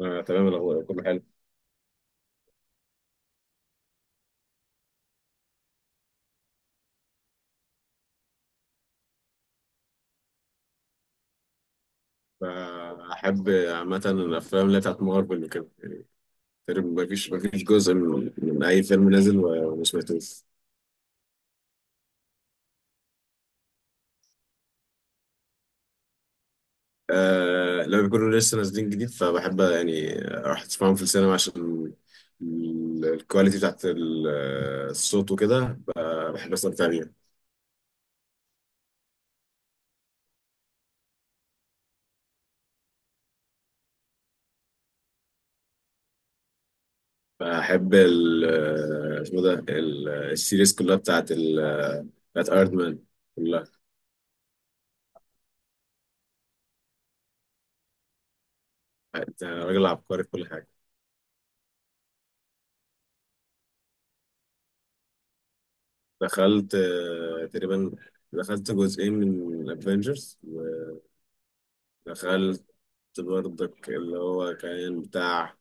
تمام الأخبار كله حلو. بحب عامة الأفلام اللي بتاعت مارفل وكده يعني. تقريبا مفيش جزء من أي فيلم نازل وما سمعتوش. آه، لما بيكونوا لسه نازلين جديد، فبحب يعني أروح أسمعهم في السينما عشان الكواليتي بتاعت الصوت وكده. بحب أستمتع بيها. بحب ال اسمه ده ال- السيريز كلها بتاعت أيرون مان كلها. أنت راجل عبقري في كل حاجة. دخلت، تقريبا دخلت جزئين من الافنجرز. ودخلت برضك اللي هو كان بتاع،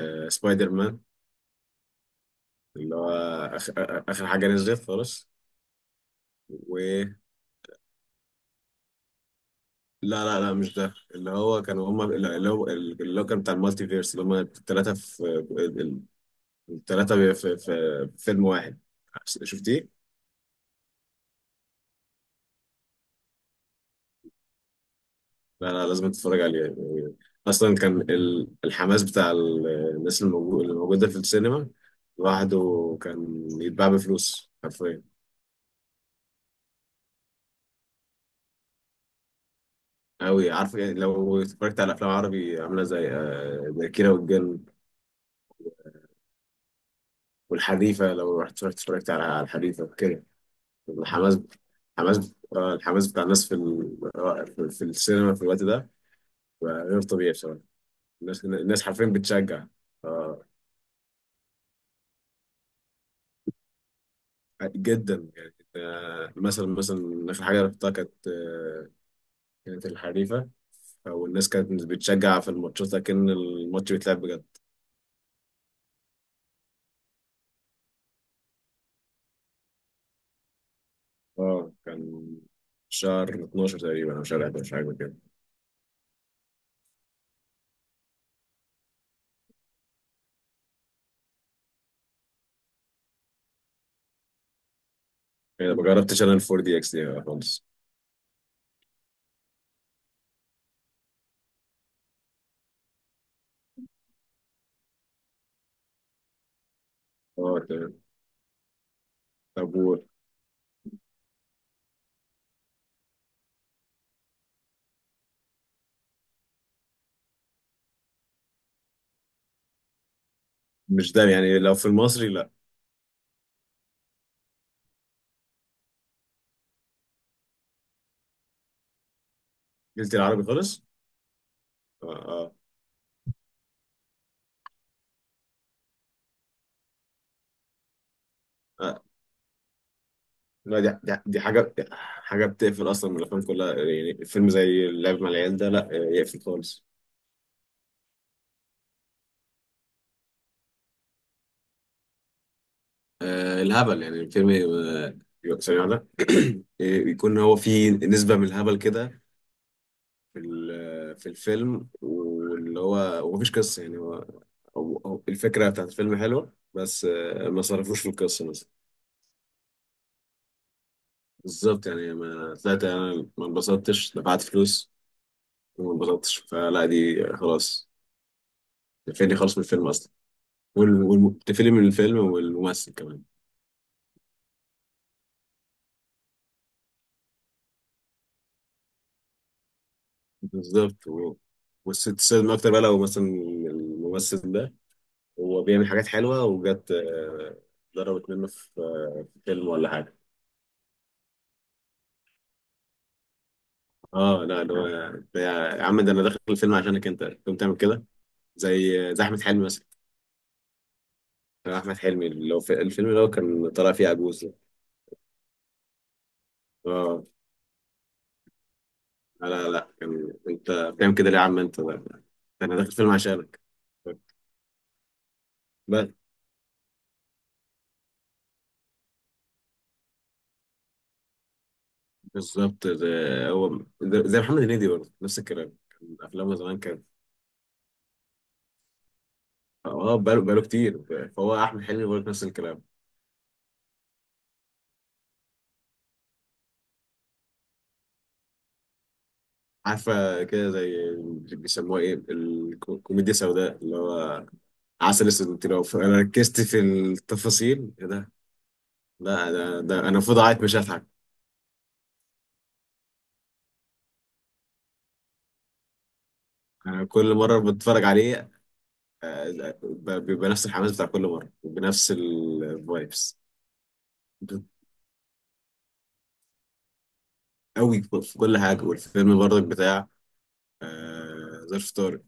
سبايدر مان، اللي هو اخر حاجه نزلت خالص. و... لا لا لا، مش ده، اللي هو كانوا هما اللي هو كان بتاع المالتي فيرس، اللي هما الثلاثه في الثلاثه في فيلم واحد. شفتيه؟ لا لا، لازم تتفرج عليه يعني. اصلا كان الحماس بتاع الناس اللي موجوده في السينما لوحده كان يتباع بفلوس حرفيا. أوي عارف يعني، لو اتفرجت على أفلام عربي عاملة زي، زي كيرة والجن والحريفة، لو رحت اتفرجت على الحريفة كده، الحماس. الحماس بتاع الناس في ال- آه، في في السينما في الوقت ده بقى غير طبيعي بصراحة. الناس حرفيا بتشجع. آه، جدا يعني، مثلا اخر حاجه رحتها كانت، كانت الحريفه. والناس كانت بتشجع في الماتشات لكن الماتش بيتلعب بجد. اه، كان شهر 12 تقريبا او شهر 11 حاجه كده. يعني ما جربتش انا الفور دي اكس دي خالص. اه تمام. طب، مش ده يعني، لو في المصري، لا، قلت العربي خالص. اه اه. آه. لا، دي حاجه بتقفل اصلا من الافلام كلها، يعني فيلم زي اللعب مع العيال ده لا يقفل خالص. آه، الهبل يعني، الفيلم يبقى ثانية واحدة يكون هو فيه نسبة من الهبل كده في ال- آه، في الفيلم، واللي هو ومفيش قصة، يعني هو الفكرة بتاعت الفيلم حلوة، بس ما صرفوش في القصة مثلا. بالظبط، يعني ما طلعت أنا، ما انبسطتش، دفعت فلوس وما انبسطتش، فلا دي خلاص، تقفلني خالص من الفيلم أصلا. تقفلني من الفيلم والممثل كمان. بالظبط، والست تستخدم أكتر بقى، لو مثلا الممثل ده هو بيعمل حاجات حلوه وجت، ضربت منه في، في فيلم ولا حاجه. اه لا، ده ده، يا عم، ده انا داخل الفيلم عشانك انت تقوم تعمل كده؟ زي احمد حلمي مثلا. كان احمد حلمي اللي هو في الفيلم اللي هو كان طالع فيه عجوز ده. اه. لا لا لا، كان انت بتعمل كده ليه يا عم انت، ده. انا داخل الفيلم عشانك. بس. بالظبط ده، زي محمد هنيدي برضه نفس الكلام، كان افلامه زمان كانت. اه، بقاله كتير. فهو احمد حلمي برضه نفس الكلام. عارفة كده، زي، بيسموها ايه، الكوميديا السوداء، اللي هو عسل اسود وانتي فانا، ركزت في التفاصيل ايه ده. لا ده انا المفروض اعيط مش هضحك. انا كل مرة بتفرج عليه، بيبقى نفس الحماس بتاع كل مرة بنفس الفايبس قوي في كل حاجة. والفيلم برضك بتاع ظرف طارق.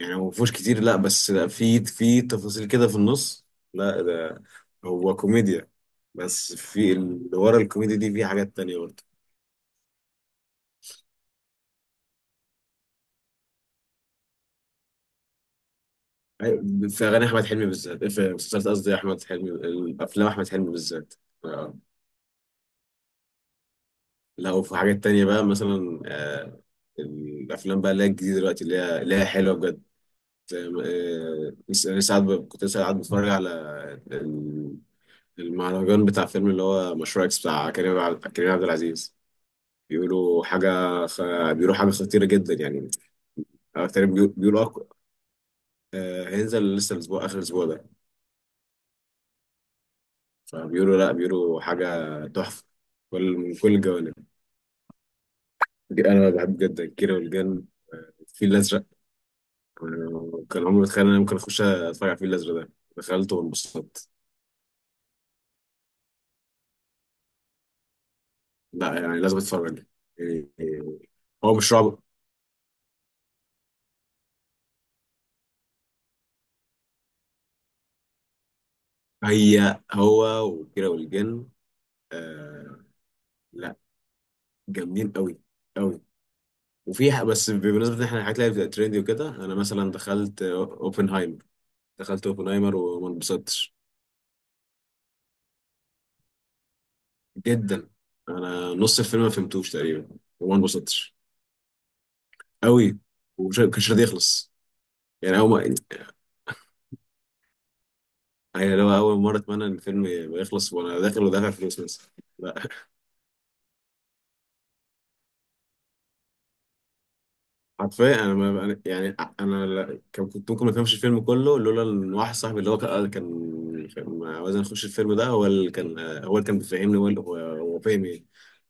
يعني هو مفهوش كتير، لا، بس لا، في تفاصيل كده في النص. لا ده هو كوميديا، بس في اللي ورا الكوميديا دي في حاجات تانية برضه. في أغاني أحمد حلمي بالذات في مسلسلات، قصدي أحمد حلمي الأفلام، أحمد حلمي بالذات. آه. لا، وفي حاجات تانية بقى مثلا، الأفلام بقى اللي هي الجديدة دلوقتي، اللي هي حلوة بجد. لسه قاعد، كنت لسه قاعد بتفرج على ال- المهرجان بتاع فيلم اللي هو مشروع إكس بتاع كريم عبد العزيز. بيقولوا حاجة، خ... بيقولوا حاجة خطيرة جدا يعني. بيقولوا أك... آه، هينزل لسه آخر الأسبوع ده. فبيقولوا لا، بيقولوا حاجة تحفة، كل الجوانب. دي أنا بحب جدا كيرة والجن، الفيل الأزرق. كان عمري ما أتخيل إن أنا ممكن أخش أتفرج على الفيل الأزرق ده. دخلته وانبسطت. لا، يعني لازم أتفرج يعني. هو مش رعب، هي هو وكيرة والجن، آه، لا، جامدين قوي. وفي بس بمناسبة ان احنا الحاجات اللي هي بتبقى ترندي وكده، انا مثلا دخلت اوبنهايمر. دخلت اوبنهايمر وما انبسطتش جدا. انا نص الفيلم ما فهمتوش تقريبا. وما انبسطتش قوي، ومش كانش راضي يخلص. يعني اول ما، يعني لو اول مرة اتمنى ان الفيلم يبقى يخلص وانا داخل ودافع فلوس مثلا. حرفيا انا ما أنا- يعني انا لا- كان- كنت ممكن ما افهمش الفيلم كله، لولا ان واحد صاحبي اللي هو كان عاوز نخش الفيلم ده، هو اللي كان، هو اللي كان بيفهمني، هو فاهم ايه.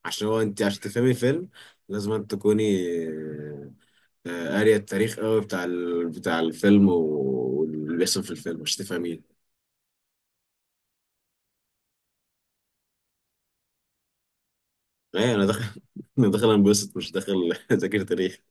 عشان هو انت عشان تفهمي الفيلم لازم أن تكوني، قارية التاريخ قوي بتاع، بتاع الفيلم، واللي بيحصل في الفيلم مش تفهميه. ايه، انا داخل انا داخل انبسط مش داخل اذاكر تاريخ.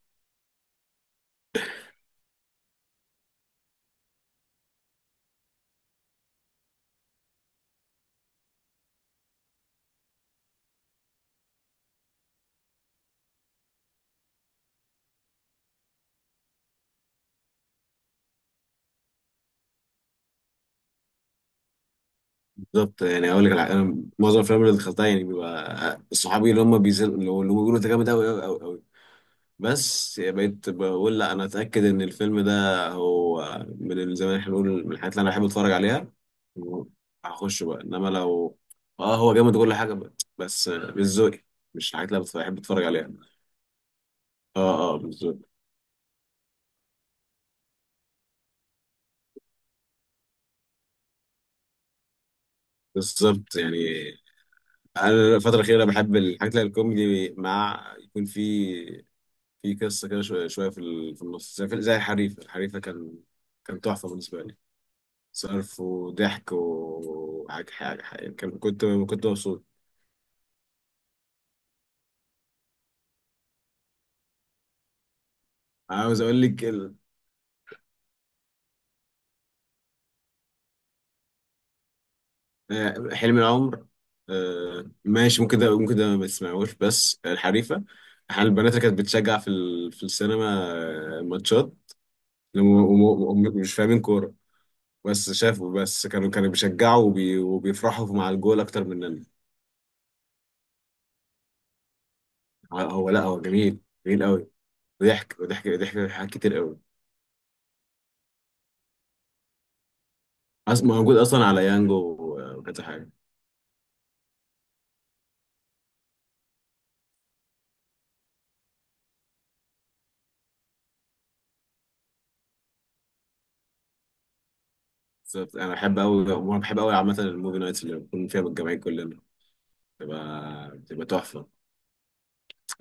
بالظبط، يعني اقول لك، انا معظم الافلام اللي دخلتها يعني بيبقى صحابي اللي هم، اللي هم بيقولوا انت جامد قوي قوي قوي. بس بقيت بقول، لا، انا اتاكد ان الفيلم ده هو، من زي ما احنا بنقول، من الحاجات اللي انا بحب اتفرج عليها، هخش بقى. انما لو، اه، هو جامد وكل حاجه بقى، بس مش ذوقي، مش الحاجات اللي أنا بحب اتفرج عليها. اه اه بالظبط. بالظبط، يعني انا الفتره الاخيره بحب الحاجات اللي هي الكوميدي، مع يكون في، قصه كده شويه شويه في، في النص، زي، زي الحريفه. كان تحفه بالنسبه لي، صرف وضحك وحاجة حاجة حاجة، كنت كنت مبسوط. عاوز أقول لك حلم العمر. ماشي، ممكن ده ممكن ده ما تسمعوش، بس الحريفة، احنا البنات اللي كانت بتشجع في، في السينما، ماتشات، مش فاهمين كورة، بس شافوا، بس كانوا بيشجعوا وبيفرحوا مع الجول أكتر مننا. هو، لا، هو جميل، جميل قوي. وضحك وضحك وضحك، حاجات كتير قوي. أصلا موجود أصلا على يانجو، وكذا حاجة. بالظبط، انا بحب قوي، وانا بحب قوي عامه الموفي نايتس اللي بنكون فيها متجمعين كلنا، بتبقى تحفه.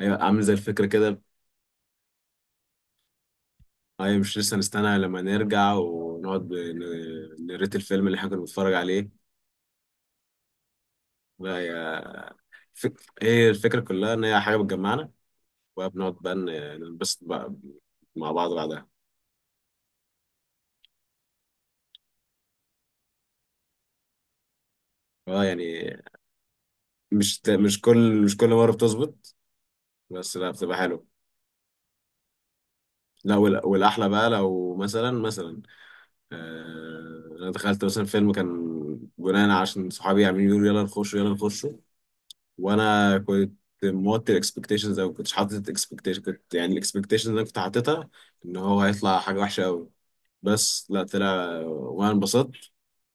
ايوه، عامل زي الفكره كده. ايوه، مش لسه نستنى لما نرجع ونقعد نريت الفيلم اللي احنا كنا بنتفرج عليه. لا، هي، فك... هي الفكره كلها، ان هي حاجه بتجمعنا، وبنقعد بقى ننبسط بقى مع بعض بعدها. اه يعني، مش كل مره بتظبط، بس لا، بتبقى حلو. لا، والاحلى بقى، لو مثلا، انا دخلت مثلا فيلم كان بناء عشان صحابي عاملين يقولوا يلا نخشه يلا نخشه، وانا كنت موطي الاكسبكتيشنز، او كنتش حاطط الاكسبكتيشن، كنت يعني الاكسبكتيشن اللي انا كنت حاططها ان هو هيطلع حاجه وحشه قوي. بس لا، طلع وانا انبسطت.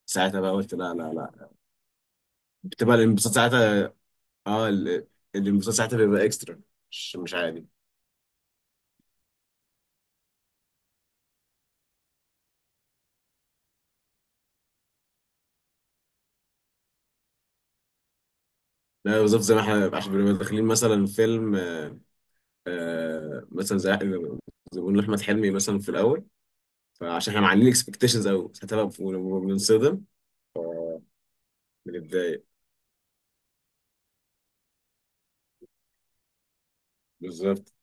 ساعتها بقى قلت، لا لا لا، بتبقى الانبساط ساعتها. اه، الانبساط ساعتها بيبقى اكسترا، مش عادي. لا بالظبط، زي ما احنا عشان بنبقى داخلين مثلا فيلم، مثلا، زي ما بنقول احمد حلمي مثلا في الاول، فعشان احنا معلين اكسبكتيشنز قوي، ساعتها بقى بننصدم، بنتضايق. بالظبط.